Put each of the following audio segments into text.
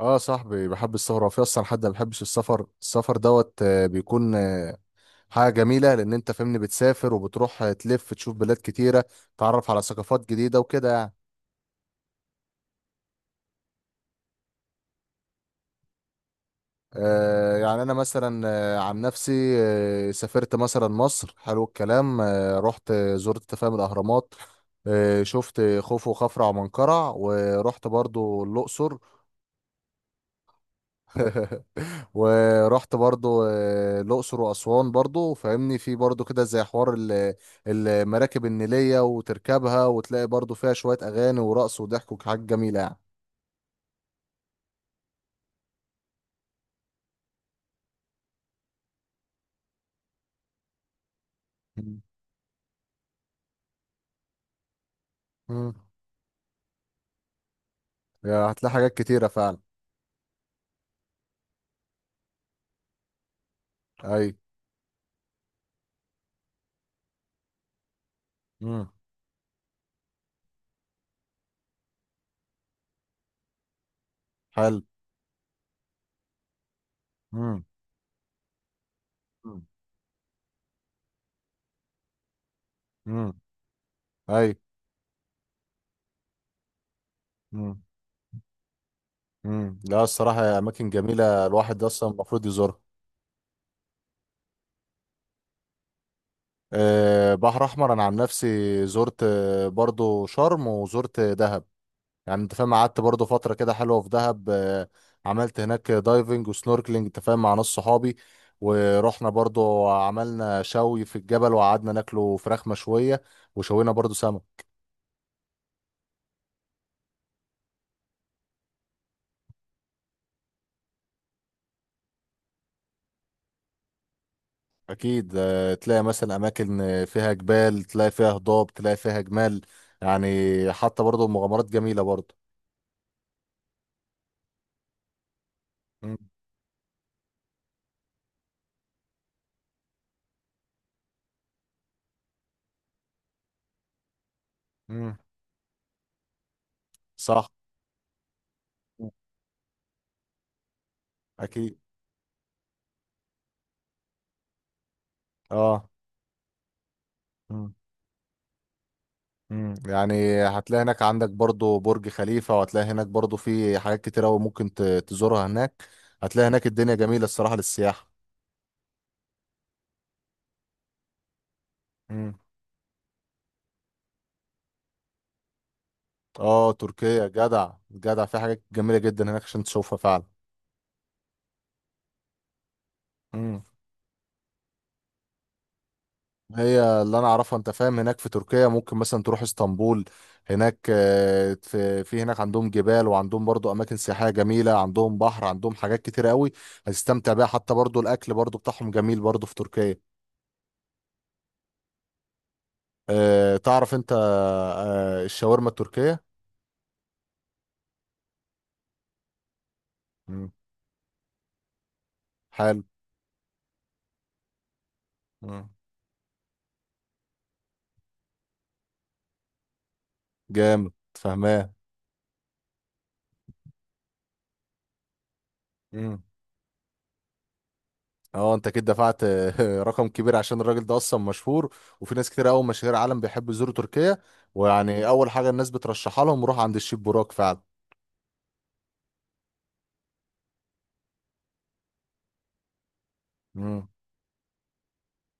اه صاحبي بحب السفر. وفي اصلا حد ما بيحبش السفر السفر دوت آه، بيكون حاجه جميله لان انت فاهمني بتسافر وبتروح، تلف تشوف بلاد كتيره، تعرف على ثقافات جديده وكده يعني. يعني انا مثلا، عن نفسي، سافرت مثلا مصر. حلو الكلام. رحت، زرت تفاهم الاهرامات. شفت خوفو وخفرع ومنقرع، ورحت برضو الاقصر. ورحت برضو الأقصر وأسوان برضو. فاهمني، في برضو كده زي حوار المراكب النيلية، وتركبها وتلاقي برضو فيها شوية أغاني ورقص وضحك وحاجات جميلة يعني. مم. مم. يا هتلاقي حاجات كتيرة فعلا. أي. مم. حلو. مم. مم. مم. أي. مم. مم. لا الصراحة، يا أماكن جميلة الواحد أصلا المفروض يزورها. أه بحر أحمر، أنا عن نفسي زرت برضو شرم وزرت دهب. يعني انت فاهم، قعدت برضه فترة كده حلوة في دهب. عملت هناك دايفنج وسنوركلينج، انت فاهم، مع ناس صحابي. ورحنا برضه عملنا شوي في الجبل، وقعدنا ناكله فراخ مشوية وشوينا برضه سمك. أكيد تلاقي مثلا أماكن فيها جبال، تلاقي فيها هضاب، تلاقي فيها جمال يعني. حتى برضه مغامرات جميلة برضه. مم. مم. صح. مم. أكيد. اه. مم. يعني هتلاقي هناك عندك برضو برج خليفة، وهتلاقي هناك برضو في حاجات كتير أوي ممكن تزورها هناك. هتلاقي هناك الدنيا جميلة الصراحة للسياحة. مم. اه تركيا. جدع جدع، في حاجات جميلة جدا هناك عشان تشوفها فعلا. مم. هي اللي انا اعرفها، انت فاهم، هناك في تركيا ممكن مثلا تروح اسطنبول. هناك في هناك عندهم جبال، وعندهم برضو اماكن سياحية جميلة، عندهم بحر، عندهم حاجات كتير قوي هتستمتع بيها. حتى برضو الاكل برضو بتاعهم جميل برضو في تركيا. آه تعرف انت آه الشاورما التركية. مم. حلو. مم. جامد فهمان. مم. اه انت كده دفعت رقم كبير عشان الراجل ده اصلا مشهور. وفي ناس كتير قوي مشاهير عالم بيحبوا يزوروا تركيا. ويعني اول حاجة الناس بترشحها لهم روح عند الشيف براك فعلا. مم.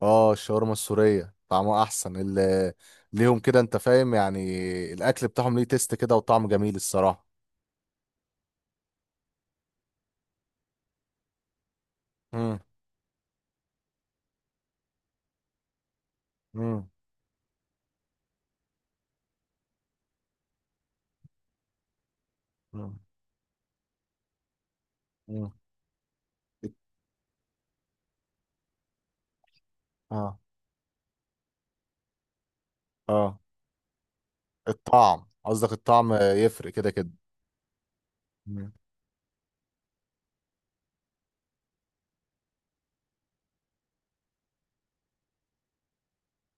اه الشاورما السورية طعمها احسن، اللي ليهم كده، انت فاهم يعني الاكل بتاعهم ليه تيست كده وطعم جميل الصراحة. مم. مم. مم. مم. اه. اه الطعم قصدك، الطعم يفرق كده كده. مم.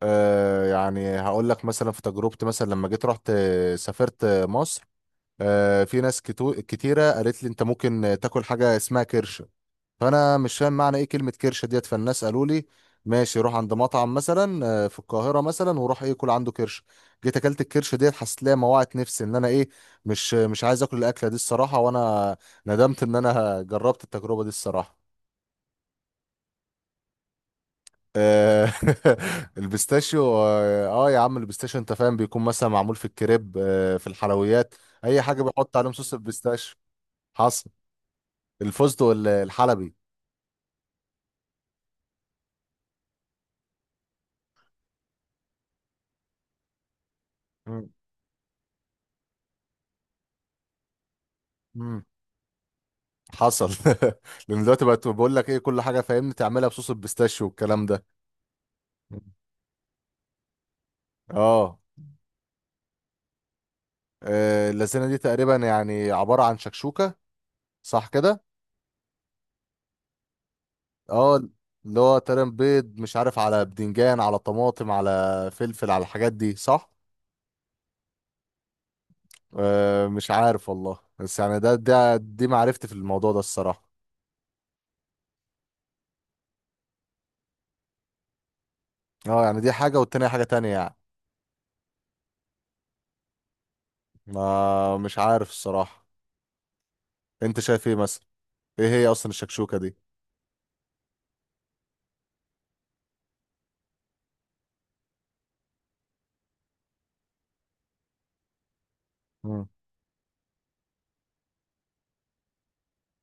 آه يعني هقول لك مثلا في تجربتي، مثلا لما جيت رحت سافرت مصر. آه في ناس كتيرة قالت لي انت ممكن تاكل حاجة اسمها كرشة. فانا مش فاهم معنى ايه كلمة كرشة ديت. فالناس قالوا لي ماشي، روح عند مطعم مثلا في القاهرة مثلا، وروح ايه كل عنده كرشة. جيت اكلت الكرشة ديت، حسيت ليها موعت نفسي ان انا ايه، مش عايز اكل الاكلة دي الصراحة. وانا ندمت ان انا جربت التجربة دي الصراحة. آه، البيستاشيو، اه آه يا عم البيستاشيو، انت فاهم بيكون مثلا معمول في الكريب آه في الحلويات. اي حاجه بيحط عليهم صوص البيستاشيو. حصل. الفستق الحلبي. مم. مم. حصل. لان دلوقتي بقت، بقول لك ايه كل حاجه فاهمني تعملها بصوص البيستاشيو والكلام ده. مم. اه. اللازانيا دي تقريبا يعني عباره عن شكشوكه، صح كده. اه اللي هو تقريبا بيض، مش عارف، على بدنجان، على طماطم، على فلفل، على الحاجات دي صح. أه مش عارف والله، بس يعني ده ده دي معرفتي في الموضوع ده الصراحة. اه يعني دي حاجة والتانية حاجة تانية يعني. ما مش عارف الصراحة، انت شايف ايه مثلا، ايه هي اصلا الشكشوكة دي. مم.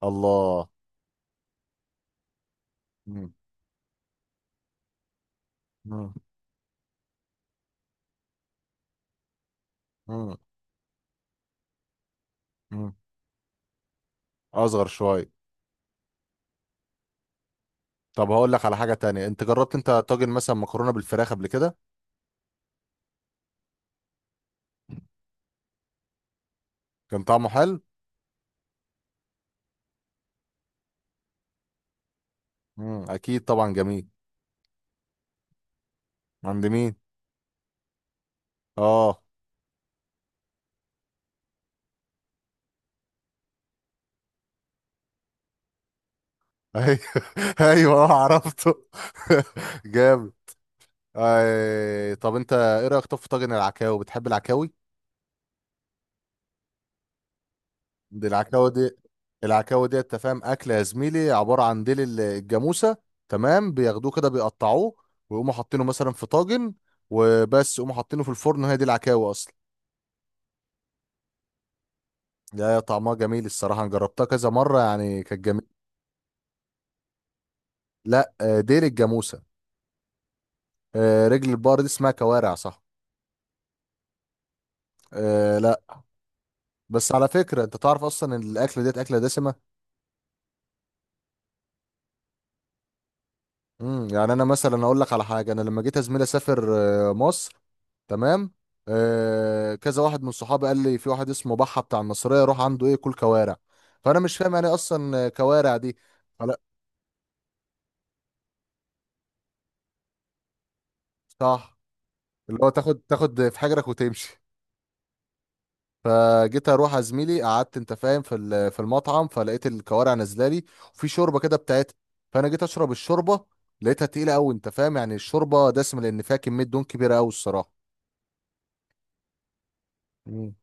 الله. مم. مم. مم. مم. اصغر شوية. طب هقول لك على حاجة تانية، انت جربت انت طاجن مثلا مكرونة بالفراخ قبل كده، كان طعمه حلو. مم. اكيد طبعا جميل. عند مين. اه. ايوه ايوه اه عرفته. جامد. آه طب انت ايه رايك طب في طاجن العكاوي، بتحب العكاوي. دي العكاوي دي. العكاوي دي، انت فاهم، اكل يا زميلي، عباره عن ديل الجاموسه. تمام، بياخدوه كده، بيقطعوه، ويقوموا حاطينه مثلا في طاجن، وبس يقوموا حاطينه في الفرن، وهي دي العكاوي اصلا. لا طعمها جميل الصراحه، انا جربتها كذا مره يعني كانت جميل. لا، ديل الجاموسه. رجل البقر دي اسمها كوارع صح. آه لا. بس على فكره انت تعرف اصلا ان الاكله ديت اكله دسمه. امم، يعني انا مثلا اقول لك على حاجه. انا لما جيت يا زميلي اسافر مصر، تمام، كذا واحد من صحابي قال لي في واحد اسمه بحه بتاع المصريه، روح عنده ايه كل كوارع. فانا مش فاهم يعني إيه اصلا كوارع دي. فلا. صح. اللي هو تاخد في حجرك وتمشي. فجيت اروح يا زميلي، قعدت انت فاهم في في المطعم، فلقيت الكوارع نازله لي، وفي شوربه كده بتاعتها. فانا جيت اشرب الشوربه، لقيتها تقيله قوي، انت فاهم، يعني الشوربه دسمه لان فيها كميه دهون كبيره قوي الصراحه. مم.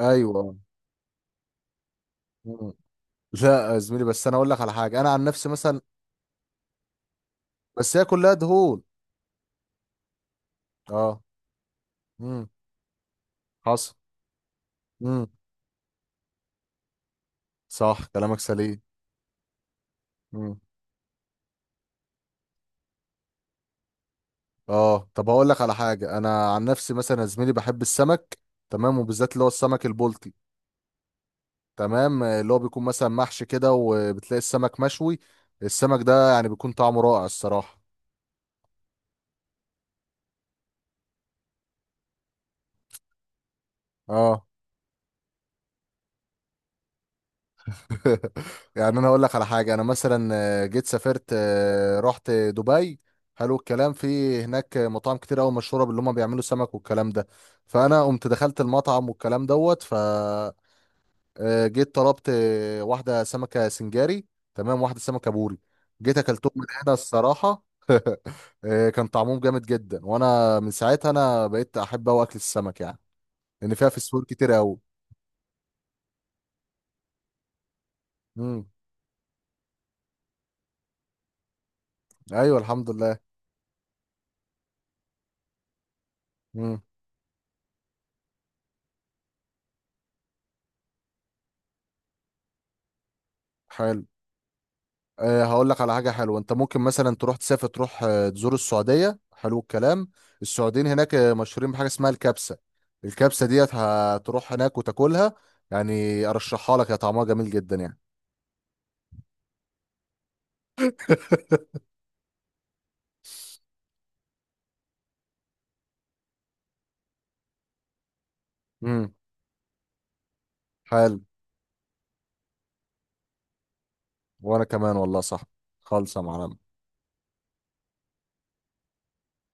ايوه. مم. لا يا زميلي، بس انا اقول لك على حاجه انا عن نفسي مثلا. بس هي كلها دهون. اه. امم. حصل. امم. صح كلامك سليم. امم. اه طب هقول لك على حاجه، انا عن نفسي مثلا يا زميلي بحب السمك، تمام، وبالذات اللي هو السمك البلطي. تمام، اللي هو بيكون مثلا محشي كده، وبتلاقي السمك مشوي. السمك ده يعني بيكون طعمه رائع الصراحه. اه. يعني انا اقول لك على حاجه، انا مثلا جيت سافرت، رحت دبي. حلو الكلام، في هناك مطاعم كتير قوي مشهوره باللي هم بيعملوا سمك والكلام ده. فانا قمت دخلت المطعم والكلام دوت ف، جيت طلبت واحده سمكه سنجاري، تمام، واحده سمكه بوري. جيت اكلتهم من هنا الصراحه. كان طعمهم جامد جدا، وانا من ساعتها انا بقيت احب قوي اكل السمك يعني لان فيها فسفور كتير قوي. امم. ايوه الحمد لله. امم. حلو. أه هقول لك على حاجة حلوة. انت ممكن مثلا تروح تسافر، تروح تزور السعودية، حلو الكلام. السعوديين هناك مشهورين بحاجة اسمها الكبسة. الكبسة ديت هتروح هناك وتاكلها، يعني ارشحها لك، يا طعمها جميل جدا يعني. امم. حلو. وانا كمان والله صح. خالصة معلم.